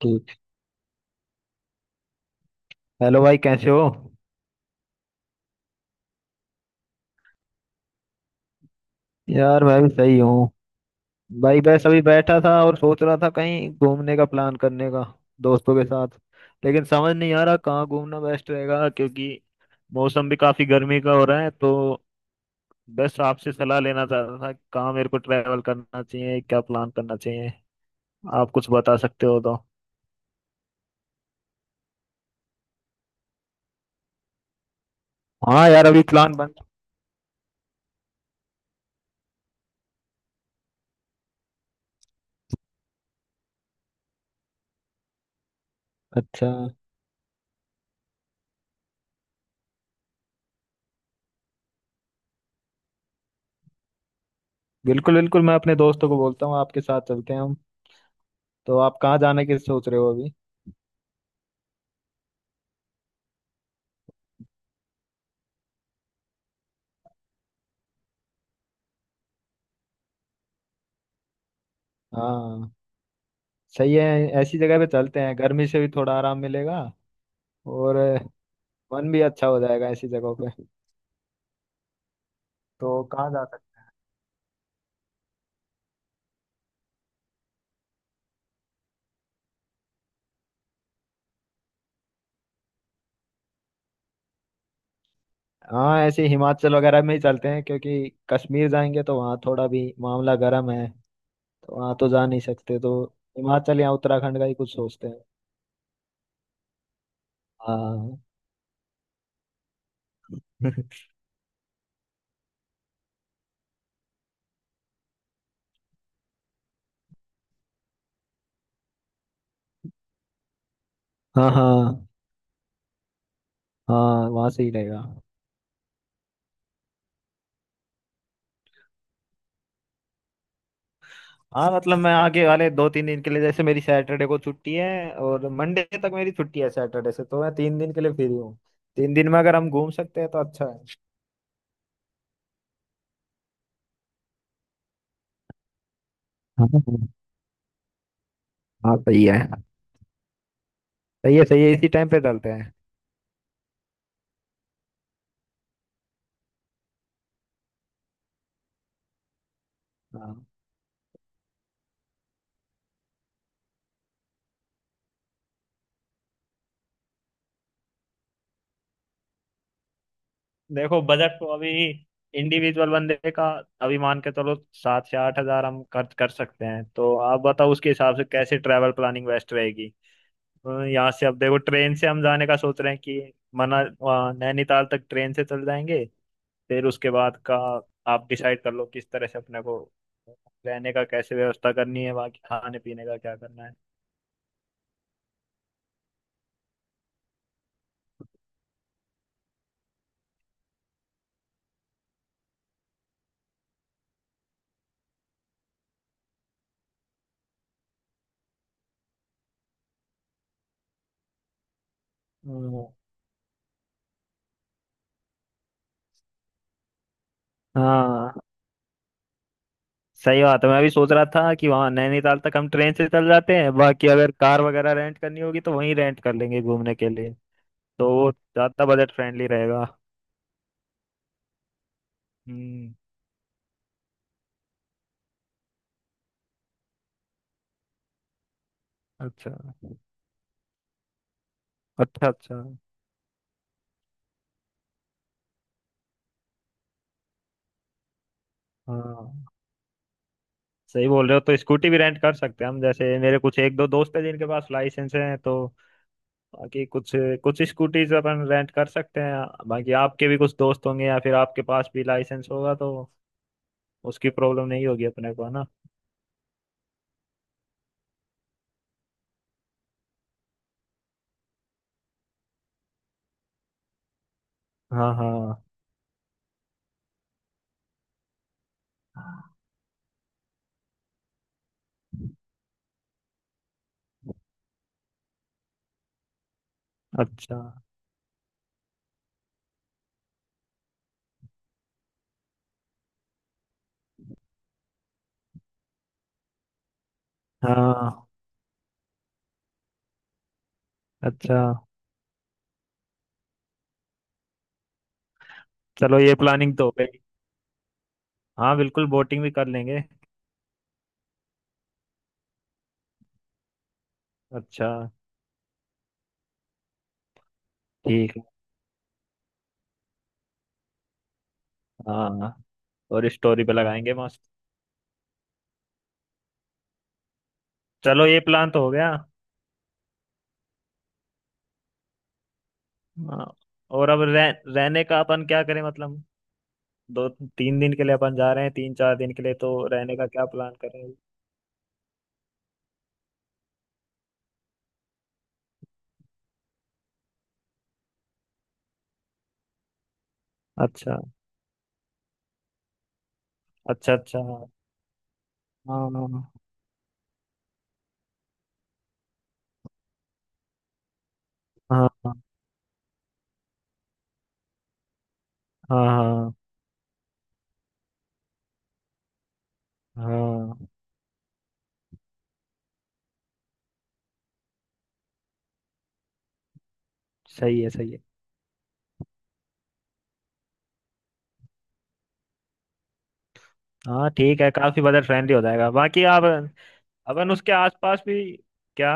ठीक। हेलो भाई, कैसे हो? यार, मैं भी सही हूँ। भाई बस अभी बैठा था और सोच रहा था कहीं घूमने का प्लान करने का दोस्तों के साथ। लेकिन समझ नहीं आ रहा कहाँ घूमना बेस्ट रहेगा क्योंकि मौसम भी काफी गर्मी का हो रहा है। तो बस आपसे सलाह लेना चाहता था कहाँ मेरे को ट्रैवल करना चाहिए, क्या प्लान करना चाहिए। आप कुछ बता सकते हो तो। हाँ यार, अभी प्लान बन। अच्छा। बिल्कुल बिल्कुल मैं अपने दोस्तों को बोलता हूँ, आपके साथ चलते हैं हम। तो आप कहाँ जाने की सोच रहे हो अभी? हाँ। सही है, ऐसी जगह पे चलते हैं, गर्मी से भी थोड़ा आराम मिलेगा और मन भी अच्छा हो जाएगा ऐसी जगहों पे। तो कहाँ जा सकते हैं? हाँ, ऐसे हिमाचल वगैरह में ही चलते हैं, क्योंकि कश्मीर जाएंगे तो वहाँ थोड़ा भी मामला गर्म है, तो वहाँ तो जा नहीं सकते। तो हिमाचल या उत्तराखंड का ही कुछ सोचते हैं। हाँ। हाँ, हाँ। हाँ, वहाँ से ही रहेगा। हाँ मतलब मैं आगे वाले 2 3 दिन के लिए, जैसे मेरी सैटरडे को छुट्टी है और मंडे तक मेरी छुट्टी है सैटरडे से, तो मैं 3 दिन के लिए फ्री हूँ। 3 दिन में अगर हम घूम सकते हैं तो अच्छा है। हाँ, हाँ। हाँ, सही है। सही है, सही है, इसी टाइम पे डालते हैं। हाँ। देखो, बजट तो अभी इंडिविजुअल बंदे का अभी मान के चलो, 7 से 8 हज़ार हम खर्च कर सकते हैं। तो आप बताओ उसके हिसाब से कैसे ट्रैवल प्लानिंग बेस्ट रहेगी। यहाँ से अब देखो, ट्रेन से हम जाने का सोच रहे हैं कि मना वहाँ नैनीताल तक ट्रेन से चल जाएंगे। फिर उसके बाद का आप डिसाइड कर लो, किस तरह से अपने को रहने का कैसे व्यवस्था करनी है, बाकी खाने पीने का क्या करना है। हम्म। हाँ सही बात है, मैं भी सोच रहा था कि वहाँ नैनीताल तक हम ट्रेन से चल जाते हैं, बाकी अगर कार वगैरह रेंट करनी होगी तो वहीं रेंट कर लेंगे घूमने के लिए, तो वो ज्यादा बजट फ्रेंडली रहेगा। हम्म। अच्छा अच्छा अच्छा। हाँ सही बोल रहे हो, तो स्कूटी भी रेंट कर सकते हैं हम। जैसे मेरे कुछ 1 2 दोस्त हैं जिनके पास लाइसेंस है, तो बाकी कुछ कुछ स्कूटीज अपन रेंट कर सकते हैं। बाकी आपके भी कुछ दोस्त होंगे या फिर आपके पास भी लाइसेंस होगा, तो उसकी प्रॉब्लम नहीं होगी अपने को, है ना। हाँ, हाँ। अच्छा। हाँ। अच्छा। चलो ये प्लानिंग तो हो गई। हाँ बिल्कुल, बोटिंग भी कर लेंगे। अच्छा। ठीक है। हाँ, और स्टोरी पे लगाएंगे मस्त। चलो ये प्लान तो हो गया। हाँ, और अब रहने का अपन क्या करें मतलब। 2 3 दिन के लिए अपन जा रहे हैं, 3 4 दिन के लिए, तो रहने का क्या प्लान करें। अच्छा अच्छा अच्छा। हाँ हाँ हाँ हाँ हाँ। हाँ, सही है, सही है। हाँ ठीक है, काफी बजट फ्रेंडली हो जाएगा। बाकी आप अपन उसके आसपास भी क्या।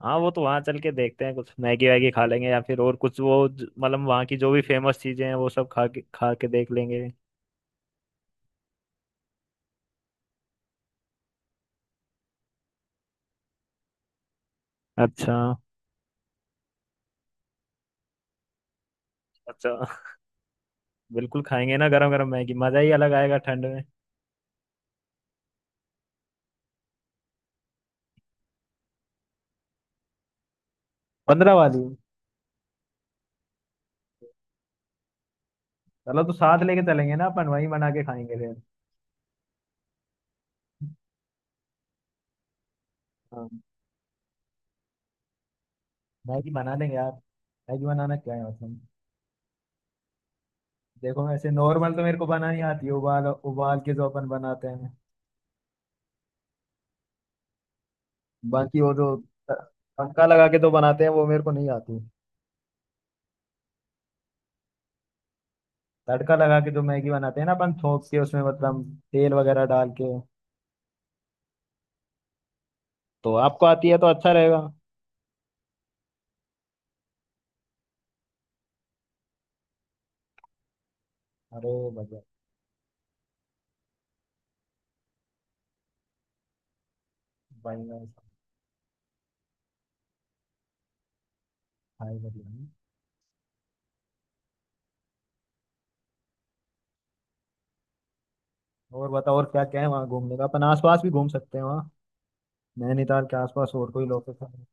हाँ वो तो वहाँ चल के देखते हैं, कुछ मैगी वैगी खा लेंगे या फिर और कुछ वो मतलब वहाँ की जो भी फेमस चीजें हैं वो सब खा के देख लेंगे। अच्छा। अच्छा। बिल्कुल खाएंगे ना, गरम गरम मैगी, मजा ही अलग आएगा ठंड में। 15 वाली। चलो, तो साथ लेके चलेंगे ना अपन, वहीं बना के खाएंगे फिर। हाँ मैगी बना लेंगे यार, मैगी बनाना क्या है मतलब। देखो वैसे नॉर्मल तो मेरे को बनानी आती है, उबाल उबाल के जो अपन बनाते हैं। बाकी वो जो तड़का लगा के जो बनाते हैं वो मेरे को नहीं आती। तड़का लगा के जो मैगी बनाते हैं ना अपन, थोक के उसमें, मतलब तेल वगैरह डाल के। तो आपको आती है तो अच्छा रहेगा। अरे बढ़िया। भाई मैं। भाई बढ़िया। और बताओ, और क्या क्या है वहाँ घूमने का, अपन आसपास भी घूम सकते हैं वहाँ? नैनीताल के आसपास और कोई लोकेशन?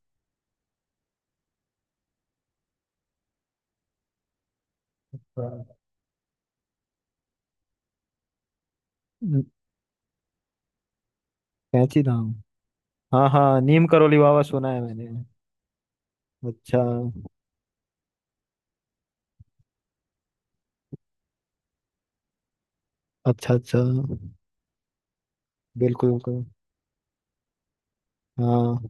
कैंची धाम। हाँ हाँ, नीम करोली बाबा सुना है मैंने। अच्छा अच्छा अच्छा। बिल्कुल बिल्कुल। हाँ।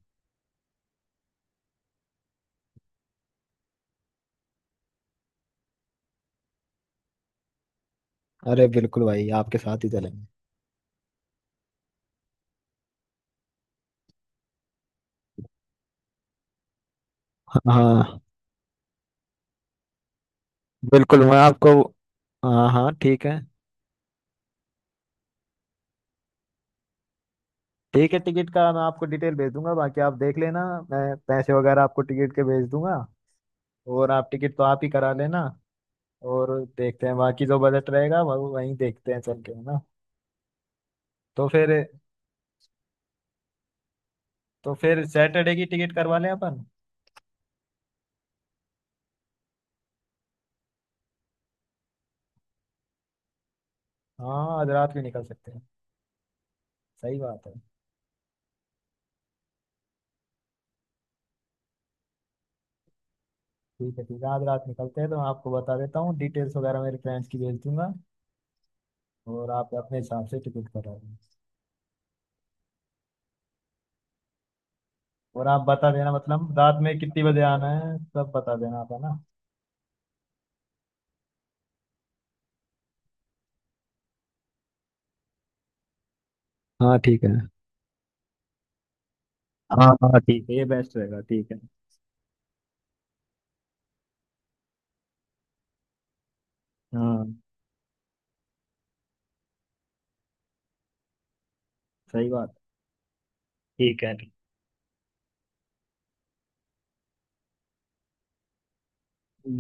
अरे बिल्कुल भाई, आपके साथ ही चलेंगे। हाँ बिल्कुल, मैं आपको। हाँ हाँ ठीक है। ठीक है, टिकट का मैं आपको डिटेल भेज दूंगा, बाकी आप देख लेना। मैं पैसे वगैरह आपको टिकट के भेज दूंगा और आप टिकट तो आप ही करा लेना। और देखते हैं बाकी जो बजट रहेगा वो वहीं देखते हैं चल के, है ना। तो फिर। तो फिर सैटरडे की टिकट करवा लें अपन। हाँ, आज रात भी निकल सकते हैं। सही बात है। ठीक है ठीक है, आज रात निकलते हैं तो मैं आपको बता देता हूँ, डिटेल्स वगैरह मेरे फ्रेंड्स की भेज दूंगा। और आप अपने हिसाब से टिकट करा लेना। और आप बता देना मतलब रात में कितनी बजे आना है सब बता देना आप, है ना। हाँ ठीक है। हाँ हाँ ठीक है, ये बेस्ट रहेगा, ठीक है। हाँ सही बात। ठीक है।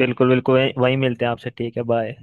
बिल्कुल बिल्कुल, वही वही मिलते हैं आपसे, ठीक है बाय।